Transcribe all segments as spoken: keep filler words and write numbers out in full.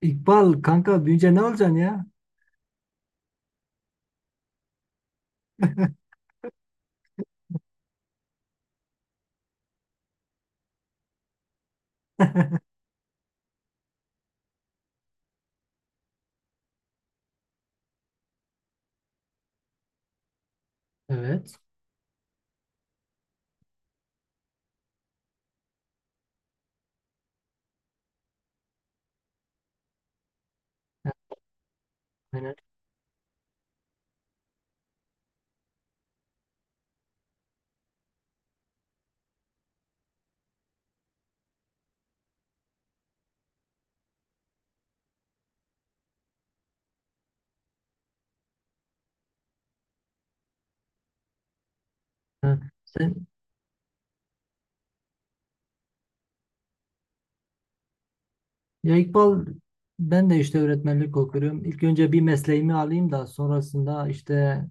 İkbal kanka büyüyünce ne olacaksın ya? Evet. Aynen. Ha. Sen, ya İkbal, ben de işte öğretmenlik okuyorum. İlk önce bir mesleğimi alayım da sonrasında işte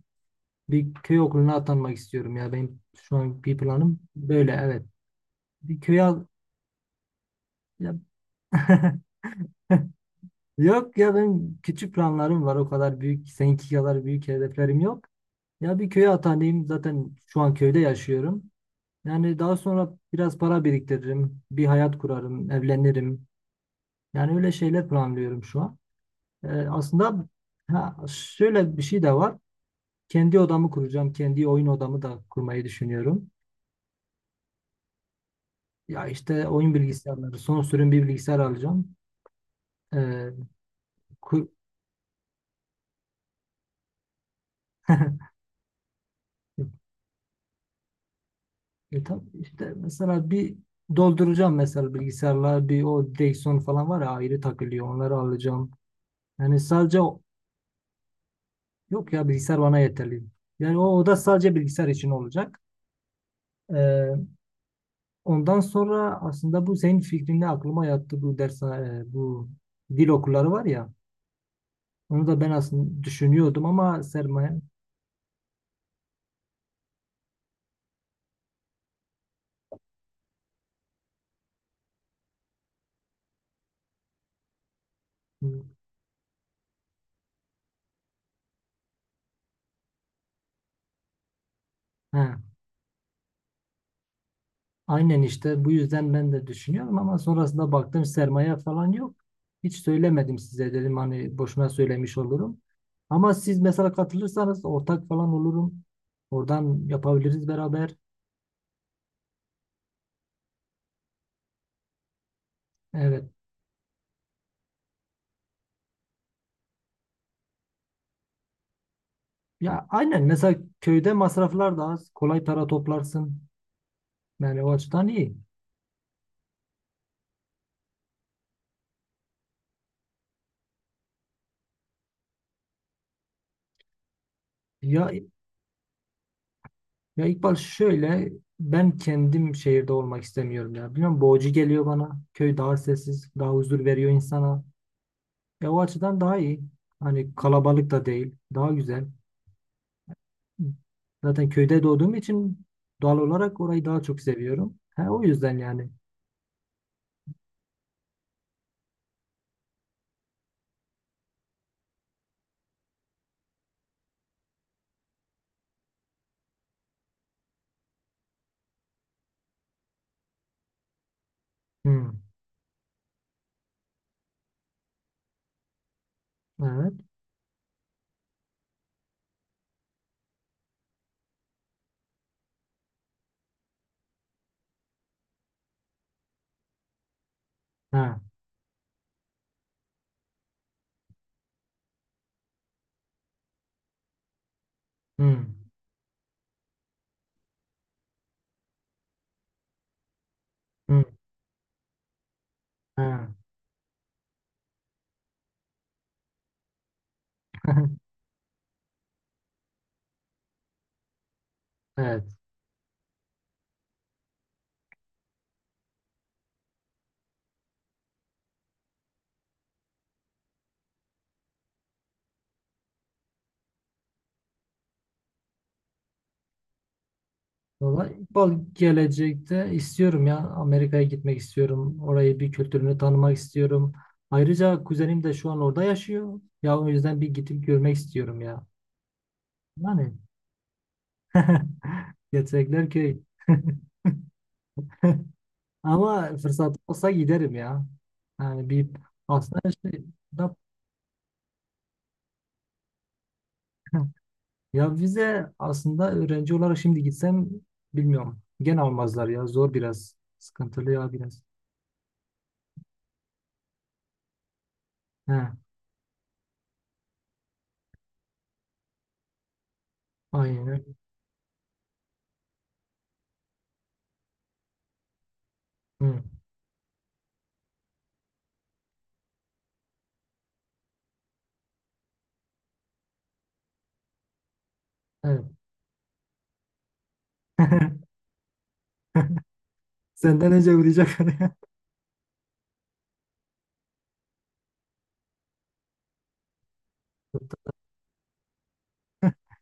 bir köy okuluna atanmak istiyorum ya. Benim şu an bir planım böyle, evet. Bir köy al... Ya- Yok ya, benim küçük planlarım var, o kadar büyük, seninki kadar büyük hedeflerim yok. Ya bir köye atanayım, zaten şu an köyde yaşıyorum. Yani daha sonra biraz para biriktiririm, bir hayat kurarım, evlenirim. Yani öyle şeyler planlıyorum şu an. Ee, aslında, ha, şöyle bir şey de var. Kendi odamı kuracağım. Kendi oyun odamı da kurmayı düşünüyorum. Ya işte oyun bilgisayarları, son sürüm bir bilgisayar alacağım. Ee, kur- E tabii işte, mesela bir dolduracağım, mesela bilgisayarlar, bir o direksiyon falan var ya, ayrı takılıyor, onları alacağım. Yani sadece o- yok ya, bilgisayar bana yeterli. Yani o oda sadece bilgisayar için olacak. Ee, Ondan sonra, aslında bu senin fikrinle aklıma yattı, bu ders e, bu dil okulları var ya. Onu da ben aslında düşünüyordum ama sermaye... He, aynen, işte bu yüzden ben de düşünüyorum ama sonrasında baktım sermaye falan yok. Hiç söylemedim size, dedim hani boşuna söylemiş olurum. Ama siz mesela katılırsanız ortak falan olurum. Oradan yapabiliriz beraber. Evet. Ya aynen, mesela köyde masraflar da az. Kolay para toplarsın. Yani o açıdan iyi. Ya Ya İkbal, şöyle, ben kendim şehirde olmak istemiyorum ya. Bilmiyorum, boğucu geliyor bana. Köy daha sessiz, daha huzur veriyor insana. E, o açıdan daha iyi. Hani kalabalık da değil, daha güzel. Zaten köyde doğduğum için doğal olarak orayı daha çok seviyorum. Ha, o yüzden yani. Hmm, evet. Ha, hmm, hmm, ha. Evet. Valla İkbal, gelecekte istiyorum ya, Amerika'ya gitmek istiyorum. Orayı, bir kültürünü tanımak istiyorum. Ayrıca kuzenim de şu an orada yaşıyor. Ya o yüzden bir gidip görmek istiyorum ya. Yani gerçekler köy. Ama fırsat olsa giderim ya. Yani bir aslında şey, da- ya vize aslında öğrenci olarak şimdi gitsem bilmiyorum. Gene almazlar ya, zor biraz. Sıkıntılı ya biraz. He, aynen. Hı, evet. Senden önce vuracak oraya.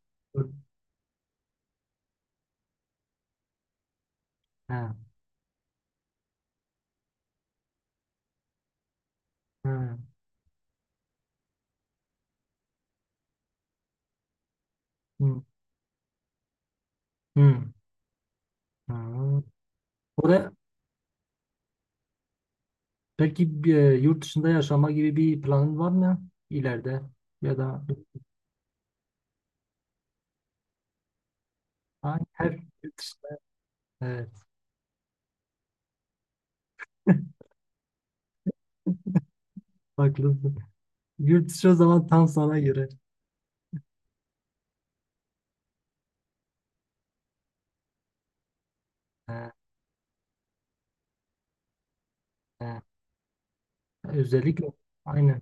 Ha, ha, hı, hı, ha. Oraya, peki bir, e, yurt dışında yaşama gibi bir planın var mı ileride? Ya da ha, her yurt dışında. Evet, haklısın. Yurt dışı o zaman tam sana göre. Ha, ha. Özellikle aynen.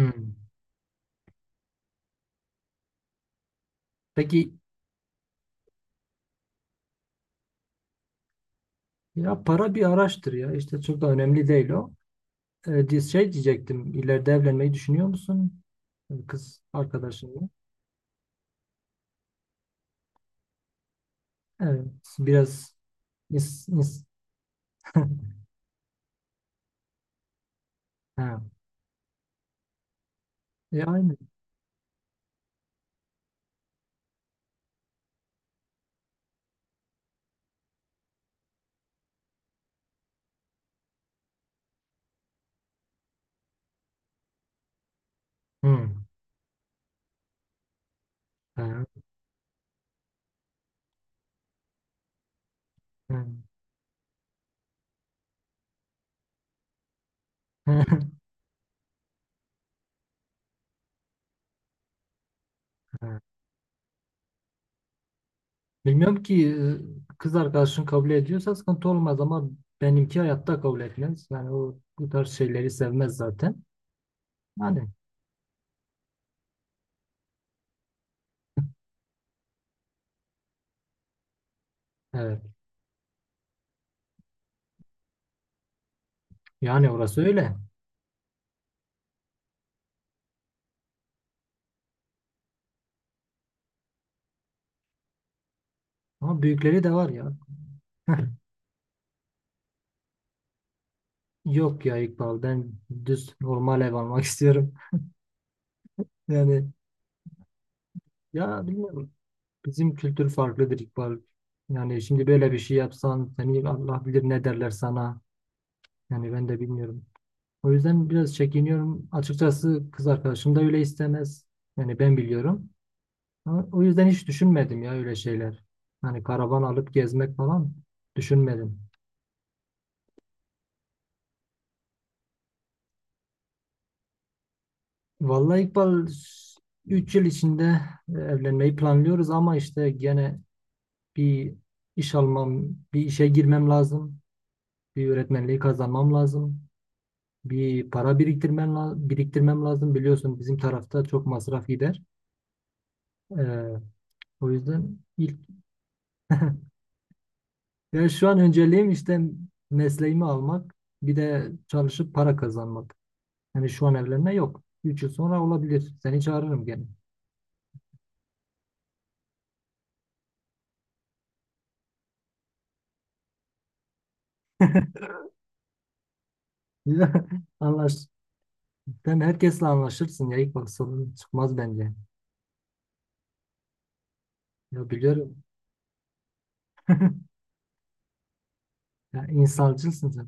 Hı. Peki ya para bir araçtır ya. İşte çok da önemli değil o. E, di- şey diyecektim. İleride evlenmeyi düşünüyor musun? Kız arkadaşınla. Evet. Biraz is is ha. E, aynı. Hmm. Ha. Ha. Ha. Ha. Bilmiyorum ki e, kız arkadaşın kabul ediyorsa sıkıntı olmaz ama benimki hayatta kabul etmez. Yani o bu tarz şeyleri sevmez zaten. Yani, evet. Yani orası öyle. Ama büyükleri de var ya. Yok ya İkbal, ben düz normal ev almak istiyorum. Yani ya bilmiyorum. Bizim kültür farklıdır İkbal. Yani şimdi böyle bir şey yapsan, seni Allah bilir ne derler sana. Yani ben de bilmiyorum. O yüzden biraz çekiniyorum. Açıkçası kız arkadaşım da öyle istemez. Yani ben biliyorum. Ama o yüzden hiç düşünmedim ya öyle şeyler. Hani karavan alıp gezmek falan düşünmedim. Vallahi İkbal, üç yıl içinde e, evlenmeyi planlıyoruz ama işte gene bir iş almam, bir işe girmem lazım. Bir öğretmenliği kazanmam lazım. Bir para biriktirmem, la- biriktirmem lazım. Biliyorsun bizim tarafta çok masraf gider. Ee, o yüzden ilk Yani şu an önceliğim işte mesleğimi almak, bir de çalışıp para kazanmak. Yani şu an evlenme yok. üç yıl sonra olabilir. Seni çağırırım gene. Anlaş. Sen herkesle anlaşırsın ya. İlk bak sorun çıkmaz bence. Ya biliyorum. Ya insancılsın sen.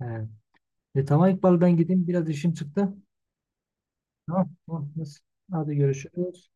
Evet. E, tamam İkbal, ben gideyim. Biraz işim çıktı. Tamam. Tamam. Hadi görüşürüz.